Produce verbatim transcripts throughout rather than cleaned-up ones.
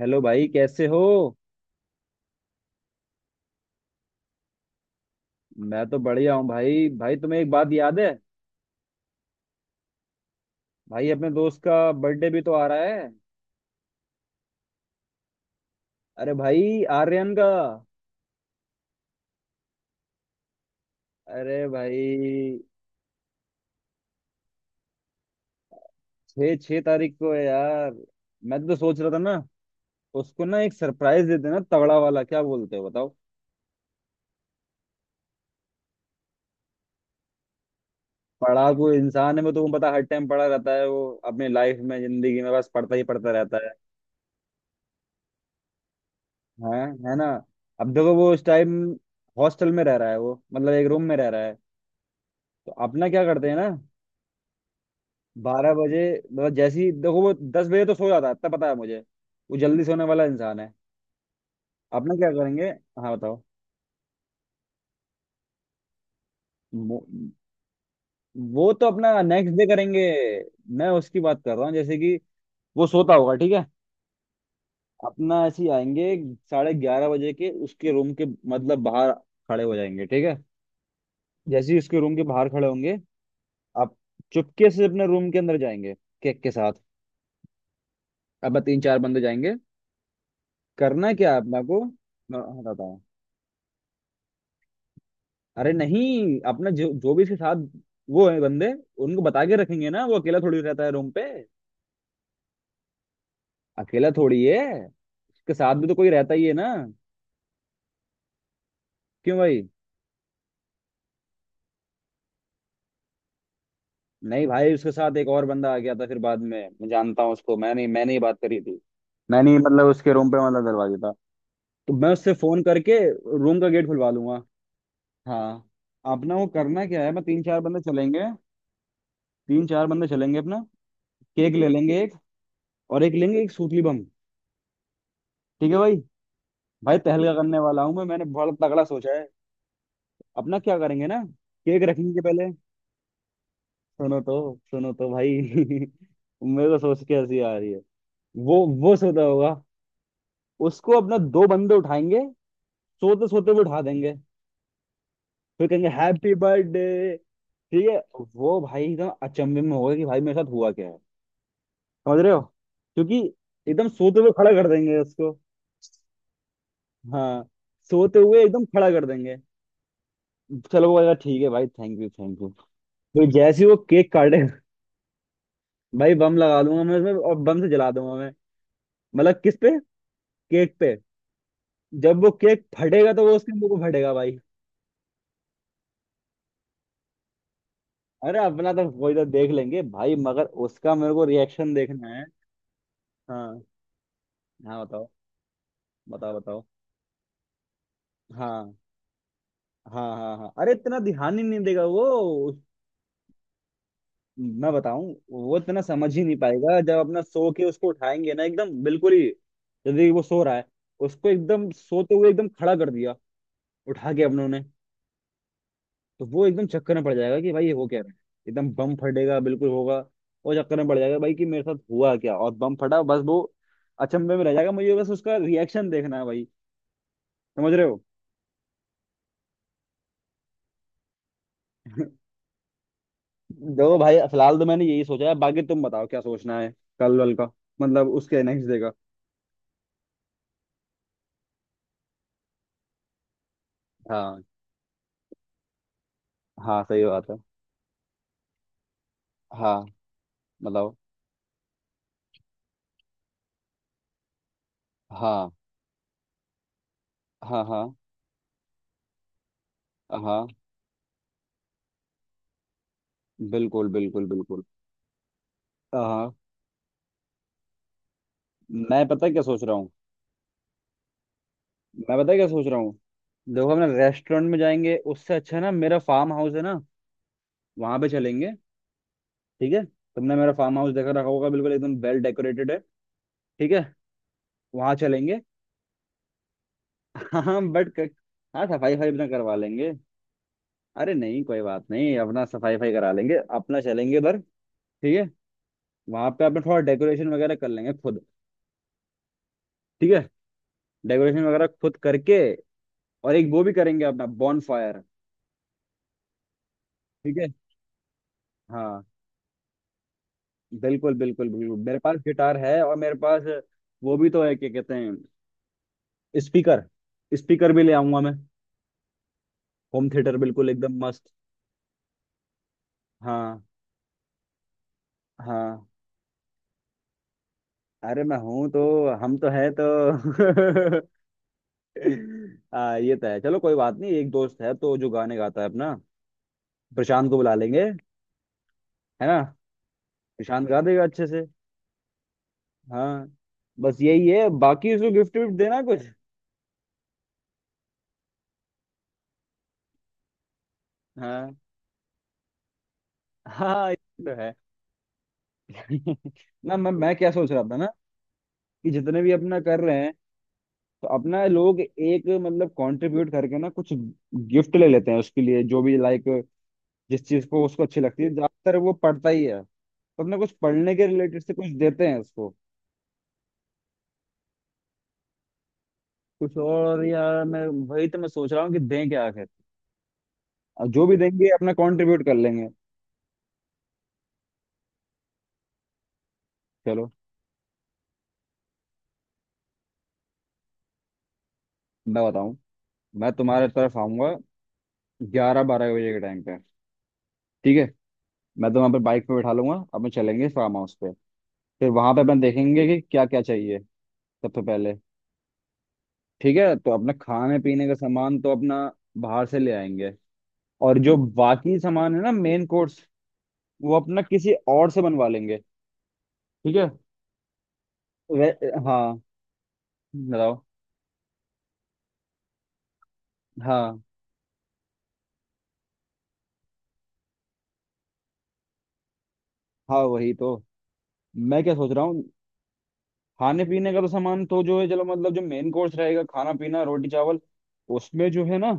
Hello भाई, कैसे हो। मैं तो बढ़िया हूँ भाई। भाई, तुम्हें एक बात याद है? भाई, अपने दोस्त का बर्थडे भी तो आ रहा है। अरे भाई, आर्यन का। अरे भाई, छः छः तारीख को है यार। मैं तो सोच रहा था ना, उसको ना एक सरप्राइज देते ना, तगड़ा वाला। क्या बोलते हो बताओ। पढ़ाकू इंसान है वो, तुम्हें पता, हर टाइम पढ़ा रहता है। वो अपनी लाइफ में, जिंदगी में, बस पढ़ता ही पढ़ता रहता है। है। है ना। अब देखो वो उस टाइम हॉस्टल में रह रहा है, वो मतलब एक रूम में रह रहा है। तो अपना क्या करते हैं ना, बारह बजे, मतलब जैसे ही देखो वो दस बजे तो सो जाता है, इतना पता है मुझे। वो जल्दी सोने वाला इंसान है। अपना क्या करेंगे, हाँ बताओ। वो वो तो अपना नेक्स्ट डे करेंगे। मैं उसकी बात कर रहा हूँ, जैसे कि वो सोता होगा ठीक है, अपना ऐसे ही आएंगे। साढ़े ग्यारह बजे के उसके रूम के, मतलब बाहर खड़े हो जाएंगे, ठीक है। जैसे ही उसके रूम के बाहर खड़े होंगे, आप चुपके से अपने रूम के अंदर जाएंगे केक के साथ। अब तीन चार बंदे जाएंगे, करना क्या है अपना को। हाँ, बताओ। अरे नहीं, अपना जो जो भी इसके साथ वो है बंदे, उनको बता के रखेंगे ना। वो अकेला थोड़ी रहता है रूम पे, अकेला थोड़ी है, उसके साथ भी तो कोई रहता ही है ना। क्यों भाई। नहीं भाई, उसके साथ एक और बंदा आ गया था फिर बाद में, मैं जानता हूँ उसको। मैंने मैंने ही बात करी थी। मैंने ही मतलब उसके रूम पे, मतलब दरवाजे था। तो मैं उससे फोन करके रूम का गेट खुलवा लूंगा। हाँ, अपना वो करना क्या है, मैं तीन चार बंदे चलेंगे, तीन चार बंदे चलेंगे अपना। केक ले लेंगे एक, और एक लेंगे एक सूतली बम। ठीक है भाई। भाई तहलका करने वाला हूँ मैं, मैंने बहुत तगड़ा सोचा है। अपना क्या करेंगे ना, केक रखेंगे पहले। सुनो तो, सुनो तो भाई, मेरे को सोच के हंसी आ रही है। वो वो सोता होगा, उसको अपना दो बंदे उठाएंगे, सोते सोते वो उठा देंगे। फिर कहेंगे हैप्पी बर्थडे, ठीक है। वो भाई एकदम अचंभे में होगा कि भाई मेरे साथ हुआ क्या है, समझ रहे हो। क्योंकि एकदम सोते हुए खड़ा कर देंगे उसको। हाँ, सोते हुए एकदम खड़ा कर देंगे। चलो वो कहेगा ठीक है भाई, थैंक यू थैंक यू। तो जैसे ही वो केक काटे, भाई बम लगा दूंगा मैं उसमें, और बम से जला दूंगा मैं। मतलब किस पे, केक पे। जब वो केक फटेगा तो वो उसके मुंह को फटेगा भाई। अरे अपना तो कोई तो देख लेंगे भाई, मगर उसका मेरे को रिएक्शन देखना है। हाँ। हाँ बताओ, बताओ बताओ। हाँ हाँ हाँ हाँ, अरे इतना ध्यान ही नहीं देगा वो। उस- मैं बताऊं, वो इतना समझ ही नहीं पाएगा जब अपना सो के उसको उठाएंगे ना एकदम बिल्कुल ही। यदि वो सो रहा है, उसको एकदम सोते हुए एकदम खड़ा कर दिया, उठा के अपनों ने, तो वो एकदम चक्कर में पड़ जाएगा कि भाई ये हो क्या रहा है। एकदम बम फटेगा, बिल्कुल होगा। और चक्कर में पड़ जाएगा भाई कि मेरे साथ हुआ क्या, और बम फटा, बस वो अचंभे में रह जाएगा। मुझे बस उसका रिएक्शन देखना है भाई, समझ रहे हो। देखो भाई, फिलहाल तो मैंने यही सोचा है, बाकी तुम बताओ क्या सोचना है। कल वल का, मतलब उसके नेक्स्ट डे का। हाँ, हाँ सही बात है। हाँ बताओ। हाँ हाँ हाँ हाँ, बिल्कुल बिल्कुल बिल्कुल। हाँ, मैं पता है क्या सोच रहा हूँ। मैं पता है क्या सोच रहा हूँ। देखो, अपना रेस्टोरेंट में जाएंगे उससे अच्छा है ना, मेरा फार्म हाउस है ना, वहां पे चलेंगे। ठीक है, तुमने मेरा फार्म हाउस देखा रखा होगा, बिल्कुल एकदम वेल डेकोरेटेड है। ठीक है, वहां चलेंगे। हाँ बट, हाँ सफाई फाई अपना करवा लेंगे। अरे नहीं कोई बात नहीं, अपना सफाई फाई करा लेंगे। अपना चलेंगे उधर, ठीक है। वहां पे अपना थोड़ा डेकोरेशन वगैरह कर लेंगे खुद। ठीक है, डेकोरेशन वगैरह खुद करके, और एक वो भी करेंगे अपना बॉन फायर। ठीक है। हाँ, बिल्कुल बिल्कुल बिल्कुल। मेरे पास गिटार है और मेरे पास वो भी तो है, क्या कहते हैं, स्पीकर। स्पीकर भी ले आऊंगा मैं, होम थिएटर, बिल्कुल एकदम मस्त। हाँ। हाँ, अरे मैं हूं तो। हम तो है तो। आ, ये तो है, चलो कोई बात नहीं। एक दोस्त है तो जो गाने गाता है अपना, प्रशांत को बुला लेंगे। है ना। प्रशांत गा देगा अच्छे से। हाँ, बस यही है, बाकी उसको गिफ्ट विफ्ट देना कुछ। हाँ, हाँ ये तो है। ना, मैं मैं क्या सोच रहा था ना, कि जितने भी अपना कर रहे हैं तो अपना लोग एक, मतलब कंट्रीब्यूट करके ना कुछ गिफ्ट ले लेते हैं उसके लिए, जो भी लाइक जिस चीज को उसको अच्छी लगती है। ज्यादातर वो पढ़ता ही है, तो अपना कुछ पढ़ने के रिलेटेड से कुछ देते हैं उसको। कुछ और यार, मैं वही तो मैं सोच रहा हूँ कि दें क्या आखिर। अब जो भी देंगे अपना कंट्रीब्यूट कर लेंगे। चलो, मैं बताऊँ, मैं तुम्हारे तरफ आऊंगा ग्यारह बारह बजे के टाइम पे, ठीक है। मैं तो वहाँ पे बाइक पे बैठा लूंगा, अपन चलेंगे फार्म हाउस पे। फिर वहां पे अपन देखेंगे कि क्या क्या चाहिए सबसे पहले। ठीक है, तो अपना खाने पीने का सामान तो अपना बाहर से ले आएंगे। और जो बाकी सामान है ना, मेन कोर्स, वो अपना किसी और से बनवा लेंगे, ठीक है। वे, हाँ बताओ। हाँ हाँ, वही तो, मैं क्या सोच रहा हूँ, खाने पीने का तो सामान तो जो है चलो, मतलब जो मेन कोर्स रहेगा, खाना पीना रोटी चावल, उसमें जो है ना,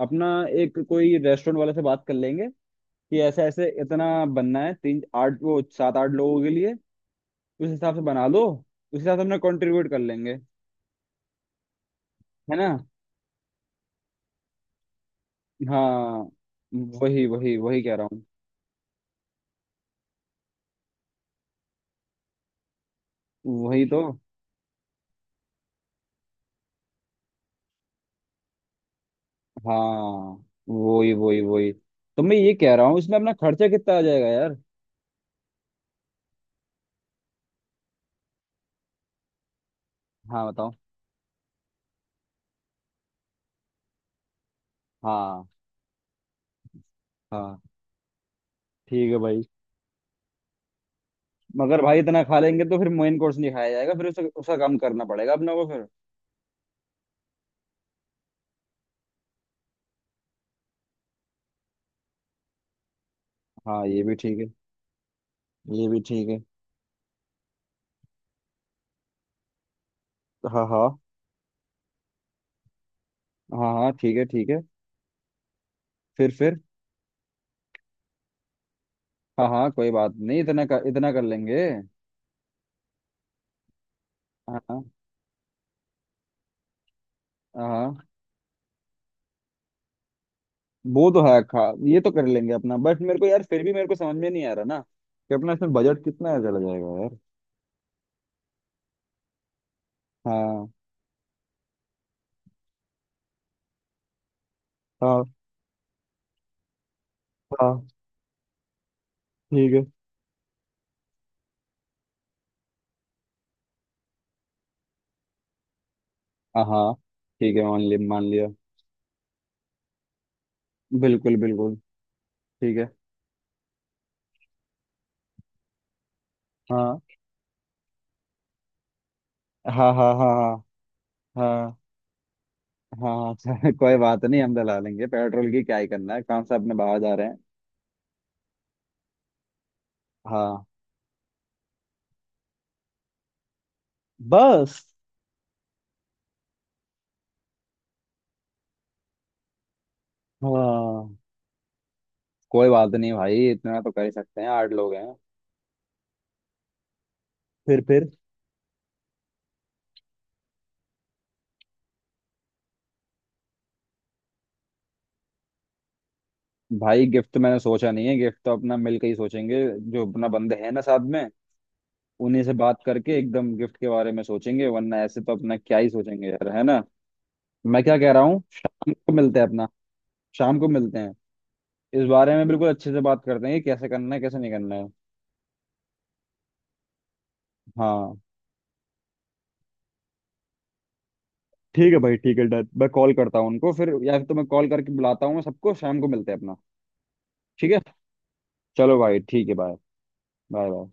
अपना एक कोई रेस्टोरेंट वाले से बात कर लेंगे कि ऐसे ऐसे इतना बनना है, तीन आठ वो सात आठ लोगों के लिए, उस हिसाब से बना लो। उस हिसाब से अपना कंट्रीब्यूट कर लेंगे, है ना। हाँ, वही वही वही कह रहा हूँ। वही तो। हाँ वही वही वही, तो मैं ये कह रहा हूँ, इसमें अपना खर्चा कितना आ जाएगा यार। हाँ बताओ। हाँ हाँ ठीक है भाई। मगर भाई इतना खा लेंगे तो फिर मेन कोर्स नहीं खाया जाएगा, फिर उसका उसका कम करना पड़ेगा अपने को फिर। हाँ ये भी ठीक है। ये भी ठीक है। हाँ हाँ हाँ हाँ ठीक है ठीक है। फिर फिर हाँ हाँ कोई बात नहीं, इतना कर इतना कर लेंगे। हाँ हाँ हाँ। वो तो है, खा, ये तो कर लेंगे अपना, बट मेरे को यार फिर भी मेरे को समझ में नहीं आ रहा ना कि अपना इसमें बजट कितना चला जाएगा यार। हाँ हाँ हाँ ठीक है। हाँ हाँ, ठीक है, मान लिया मान लिया, बिल्कुल बिल्कुल। ठीक है। हाँ हाँ हाँ हाँ। हाँ हाँ हाँ। हाँ, चल, कोई बात नहीं, हम डला लेंगे पेट्रोल, की क्या ही करना है, काम से अपने बाहर जा रहे हैं। हाँ बस। हाँ, कोई बात नहीं भाई, इतना तो कर ही सकते हैं, आठ लोग हैं। फिर फिर भाई गिफ्ट तो मैंने सोचा नहीं है, गिफ्ट तो अपना मिल के ही सोचेंगे। जो अपना बंदे हैं ना साथ में, उन्हीं से बात करके एकदम गिफ्ट के बारे में सोचेंगे, वरना ऐसे तो अपना क्या ही सोचेंगे यार, है ना। मैं क्या कह रहा हूँ, शाम को मिलते हैं अपना। शाम को मिलते हैं, इस बारे में बिल्कुल अच्छे से बात करते हैं कि कैसे करना है कैसे नहीं करना है। हाँ ठीक है भाई, ठीक है डन। मैं कॉल करता हूँ उनको फिर, या फिर तो मैं कॉल करके बुलाता हूँ सबको, शाम को मिलते हैं अपना। ठीक है। चलो भाई ठीक है, बाय। Bye bye.